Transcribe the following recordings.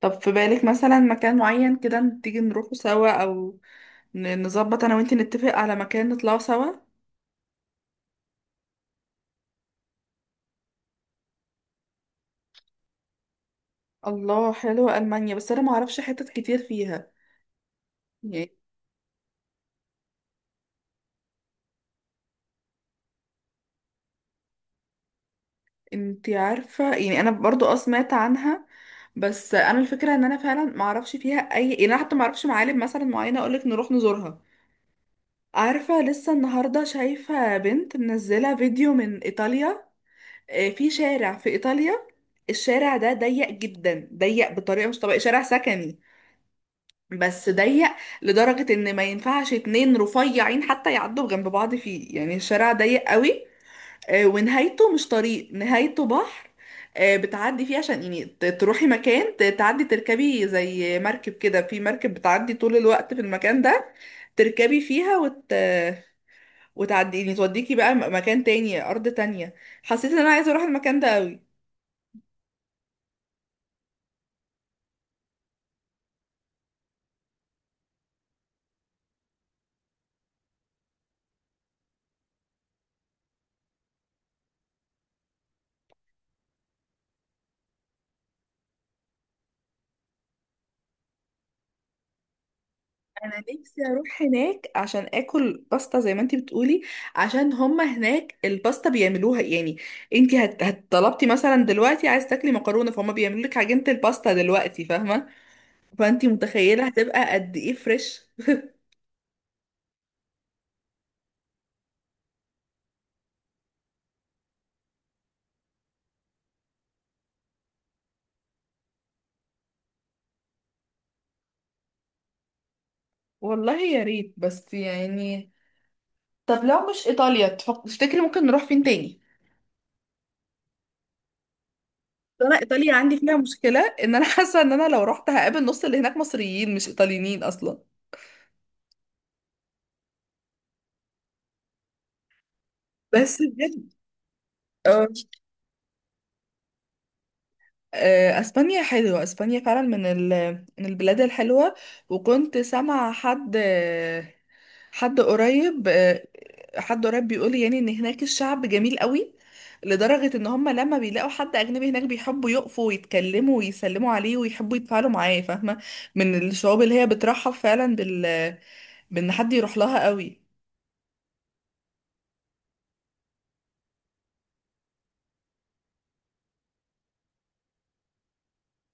طب في بالك مثلا مكان معين كده تيجي نروحه سوا، او نظبط انا وانتي نتفق على مكان نطلعه سوا. الله، حلوة ألمانيا، بس انا ما اعرفش حتت كتير فيها يعني. انتي عارفة، يعني انا برضو سمعت عنها، بس انا الفكرة ان انا فعلا ما اعرفش فيها اي، يعني انا حتى ما اعرفش معالم مثلا معينة اقولك نروح نزورها. عارفة، لسه النهاردة شايفة بنت منزلة فيديو من ايطاليا. في شارع في ايطاليا، الشارع ده ضيق جدا، ضيق بطريقة مش طبيعية، شارع سكني بس ضيق، لدرجة ان ما ينفعش اتنين رفيعين حتى يعدوا جنب بعض فيه، يعني الشارع ضيق قوي. ونهايته مش طريق، نهايته بحر. بتعدي فيه عشان يعني تروحي مكان، تعدي تركبي زي مركب كده، في مركب بتعدي طول الوقت في المكان ده، تركبي فيها وتعدي يعني توديكي بقى مكان تاني، أرض تانية. حسيت ان انا عايزة اروح المكان ده قوي. انا نفسي اروح هناك عشان اكل باستا زي ما انتي بتقولي، عشان هما هناك الباستا بيعملوها يعني. انتي هتطلبتي مثلا دلوقتي عايز تاكلي مكرونه، فهم بيعملوا لك عجينه الباستا دلوقتي، فاهمه؟ فانتي متخيله هتبقى قد ايه فريش. والله يا ريت، بس يعني طب لو مش ايطاليا تفتكري ممكن نروح فين تاني؟ انا ايطاليا عندي فيها مشكله ان انا حاسه ان انا لو رحت هقابل نص اللي هناك مصريين، مش ايطاليين اصلا. بس بجد. آه. اسبانيا حلوة، اسبانيا فعلا من من البلاد الحلوة. وكنت سامعة حد آه، حد قريب آه، حد قريب بيقول يعني ان هناك الشعب جميل قوي، لدرجة ان هم لما بيلاقوا حد اجنبي هناك بيحبوا يقفوا ويتكلموا ويسلموا عليه ويحبوا يتفاعلوا معاه، فاهمة؟ من الشعوب اللي هي بترحب فعلا بان حد يروح لها قوي.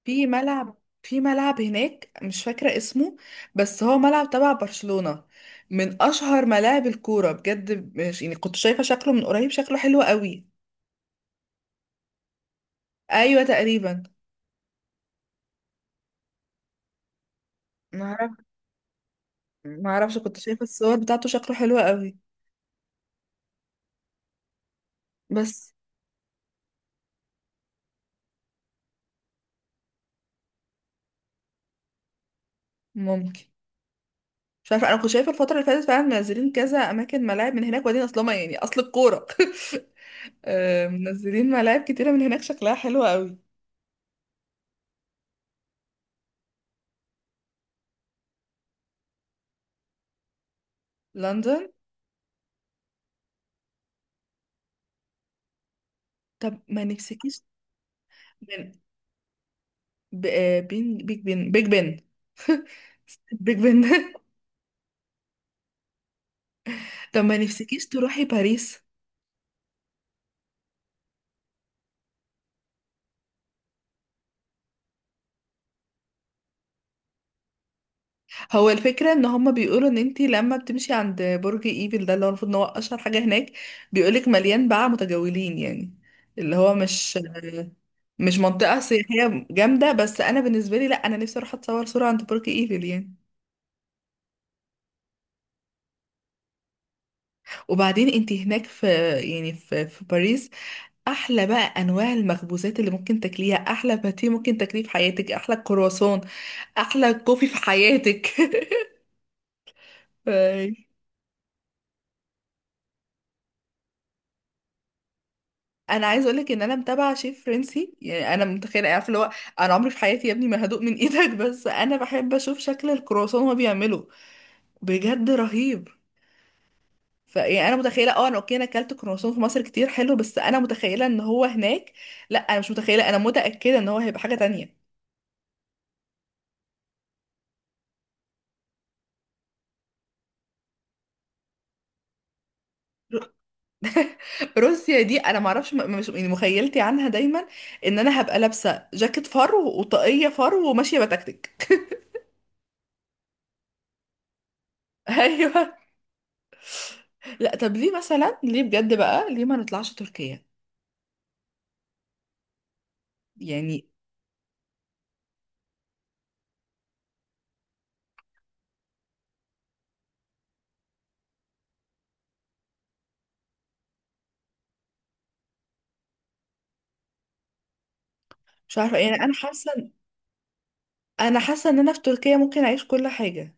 في ملعب هناك مش فاكرة اسمه، بس هو ملعب تبع برشلونة، من أشهر ملاعب الكورة بجد، مش يعني كنت شايفة شكله من قريب، شكله حلو قوي. أيوة تقريبا. معرف معرفش، كنت شايفة الصور بتاعته شكله حلو قوي. بس. ممكن. مش عارفة، أنا كنت شايفة الفترة اللي فاتت فعلا منزلين كذا أماكن، ملاعب من هناك، وبعدين أصلا يعني أصل الكورة منزلين ملاعب كتيرة من هناك شكلها حلو قوي. لندن. طب ما نفسكيش؟ ب... آه، بين بيج بن بيج بن. بيج بن. طب ما نفسكيش تروحي باريس؟ هو الفكرة ان هما بيقولوا ان انتي لما بتمشي عند برج ايفل ده، اللي هو المفروض ان هو اشهر حاجة هناك، بيقولك مليان بقى متجولين يعني، اللي هو مش منطقة سياحية جامدة. بس أنا بالنسبة لي لأ، أنا نفسي أروح أتصور صورة عند برج إيفل يعني. وبعدين أنت هناك في، يعني في باريس، أحلى بقى أنواع المخبوزات اللي ممكن تاكليها، أحلى باتيه ممكن تاكليه في حياتك، أحلى كرواسون، احلى كوفي في حياتك. فاي. انا عايز اقولك ان انا متابعه شيف فرنسي، يعني انا متخيله، عارفه اللي هو، انا عمري في حياتي يا ابني ما هدوق من ايدك، بس انا بحب اشوف شكل الكرواسون وهو بيعمله، بجد رهيب. فيعني انا متخيله، انا اوكي، انا اكلت كرواسون في مصر كتير حلو، بس انا متخيله ان هو هناك، لا انا مش متخيله، انا متاكده ان هو هيبقى حاجه تانية. روسيا دي انا ما اعرفش، مش يعني مخيلتي عنها دايما ان انا هبقى لابسه جاكيت فر وطاقيه فر وماشيه بتكتك. ايوه. لا طب ليه مثلا، ليه بجد بقى، ليه ما نطلعش تركيا؟ يعني مش عارفه، يعني انا حاسه، ان انا في تركيا ممكن اعيش كل حاجه.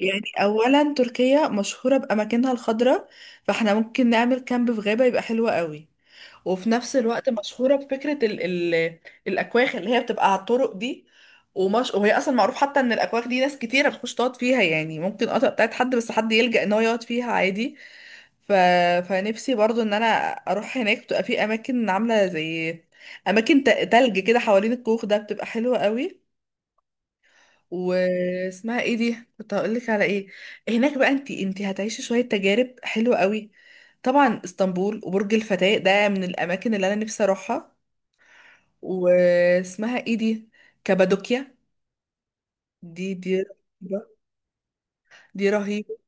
يعني اولا تركيا مشهوره باماكنها الخضراء، فاحنا ممكن نعمل كامب في غابه، يبقى حلو قوي. وفي نفس الوقت مشهوره بفكره ال الاكواخ اللي هي بتبقى على الطرق دي، وهي اصلا معروف حتى ان الاكواخ دي ناس كتيره بتخش تقعد فيها يعني، ممكن قطع بتاعت حد، بس حد يلجأ ان هو يقعد فيها عادي. ف... فنفسي برضو ان انا اروح هناك، بتبقى في اماكن عامله زي اماكن تلج كده حوالين الكوخ ده، بتبقى حلوه قوي. واسمها ايه دي، كنت هقول لك على ايه. هناك بقى انتي هتعيشي شويه تجارب حلوه قوي. طبعا اسطنبول وبرج الفتاة ده من الاماكن اللي انا نفسي اروحها. واسمها ايه دي، كابادوكيا، دي دي رهيبه.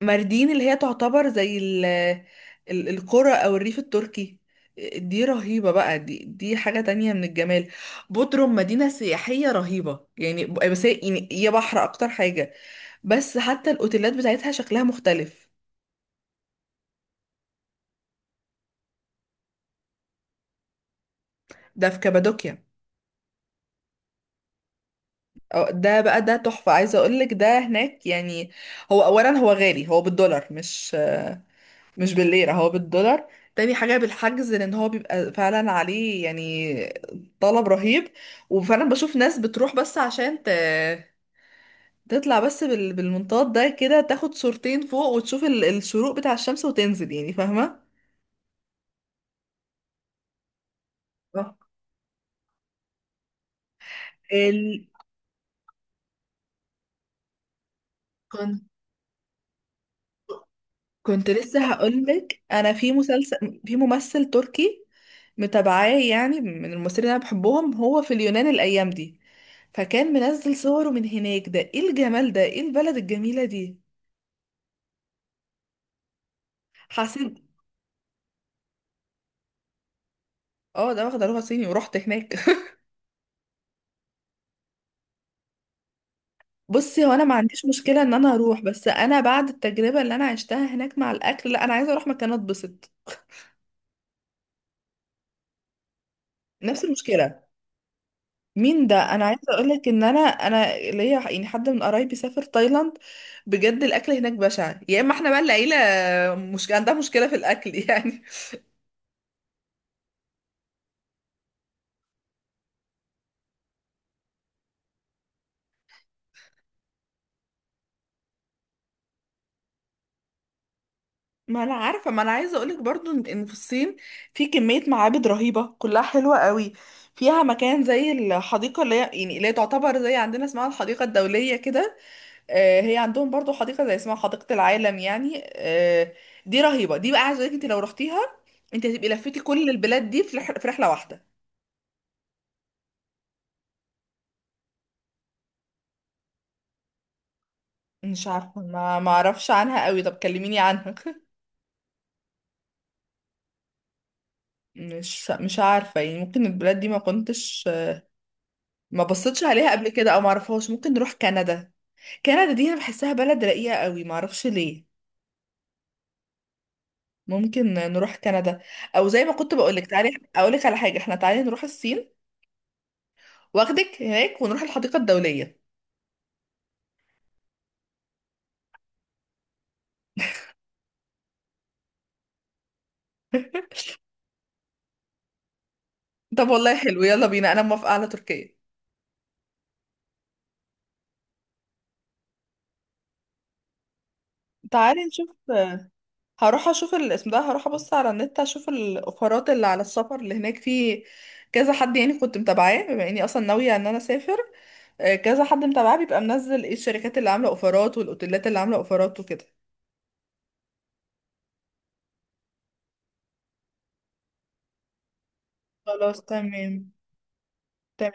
ماردين اللي هي تعتبر زي القرى او الريف التركي، دي رهيبة بقى، دي حاجة تانية من الجمال. بودروم مدينة سياحية رهيبة يعني، بس هي يعني هي بحر اكتر حاجة، بس حتى الاوتيلات بتاعتها شكلها مختلف. ده في كابادوكيا، ده بقى ده تحفة، عايزة اقولك ده هناك يعني، هو اولا هو غالي، هو بالدولار، مش بالليرة، هو بالدولار. تاني حاجة بالحجز، لأن هو بيبقى فعلا عليه يعني طلب رهيب، وفعلا بشوف ناس بتروح بس عشان تطلع بس بالمنطاد ده كده، تاخد صورتين فوق وتشوف الشروق بتاع الشمس وتنزل، يعني فاهمة؟ آه. ال... كنت كنت لسه هقولك، أنا في مسلسل في ممثل تركي متابعاه، يعني من الممثلين اللي أنا بحبهم، هو في اليونان الأيام دي، فكان منزل صوره من هناك، ده ايه الجمال ده، ايه البلد الجميلة دي. حسيت. اه، ده واخده لغه صيني ورحت هناك. بصي، هو انا ما عنديش مشكله ان انا اروح، بس انا بعد التجربه اللي انا عشتها هناك مع الاكل، لا انا عايزه اروح مكان اتبسط. نفس المشكله. مين ده، انا عايزه اقول لك ان انا ليا يعني حد من قرايبي سافر تايلاند، بجد الاكل هناك بشع، يا اما احنا بقى العيله مش عندها مشكله في الاكل يعني. ما انا عارفه، ما انا عايزه اقولك برضو إن في الصين في كميه معابد رهيبه كلها حلوه قوي، فيها مكان زي الحديقه اللي هي تعتبر زي عندنا اسمها الحديقه الدوليه كده. هي عندهم برضو حديقه زي اسمها حديقه العالم يعني. دي رهيبه، دي بقى عايزه اقولك انت لو رحتيها انت هتبقي لفيتي كل البلاد دي في في رحله واحده. مش عارفه، ما اعرفش عنها قوي، طب كلميني عنها. مش عارفه، يعني ممكن البلاد دي ما بصيتش عليها قبل كده، او ما اعرفهاش، ممكن نروح كندا. كندا دي انا بحسها بلد رقيقة قوي، معرفش ليه. ممكن نروح كندا، او زي ما كنت بقولك، تعالي اقولك على حاجة، احنا تعالي نروح الصين، واخدك هناك ونروح الحديقة الدولية. طب والله حلو، يلا بينا انا موافقة على تركيا. تعالي نشوف، هروح اشوف الاسم ده، هروح ابص على النت اشوف الاوفرات اللي على السفر اللي هناك، في كذا حد يعني كنت متابعاه، بما اني اصلا ناوية ان انا اسافر، كذا حد متابعاه بيبقى منزل ايه الشركات اللي عاملة اوفرات والاوتيلات اللي عاملة اوفرات وكده. خلاص تمام، تمام.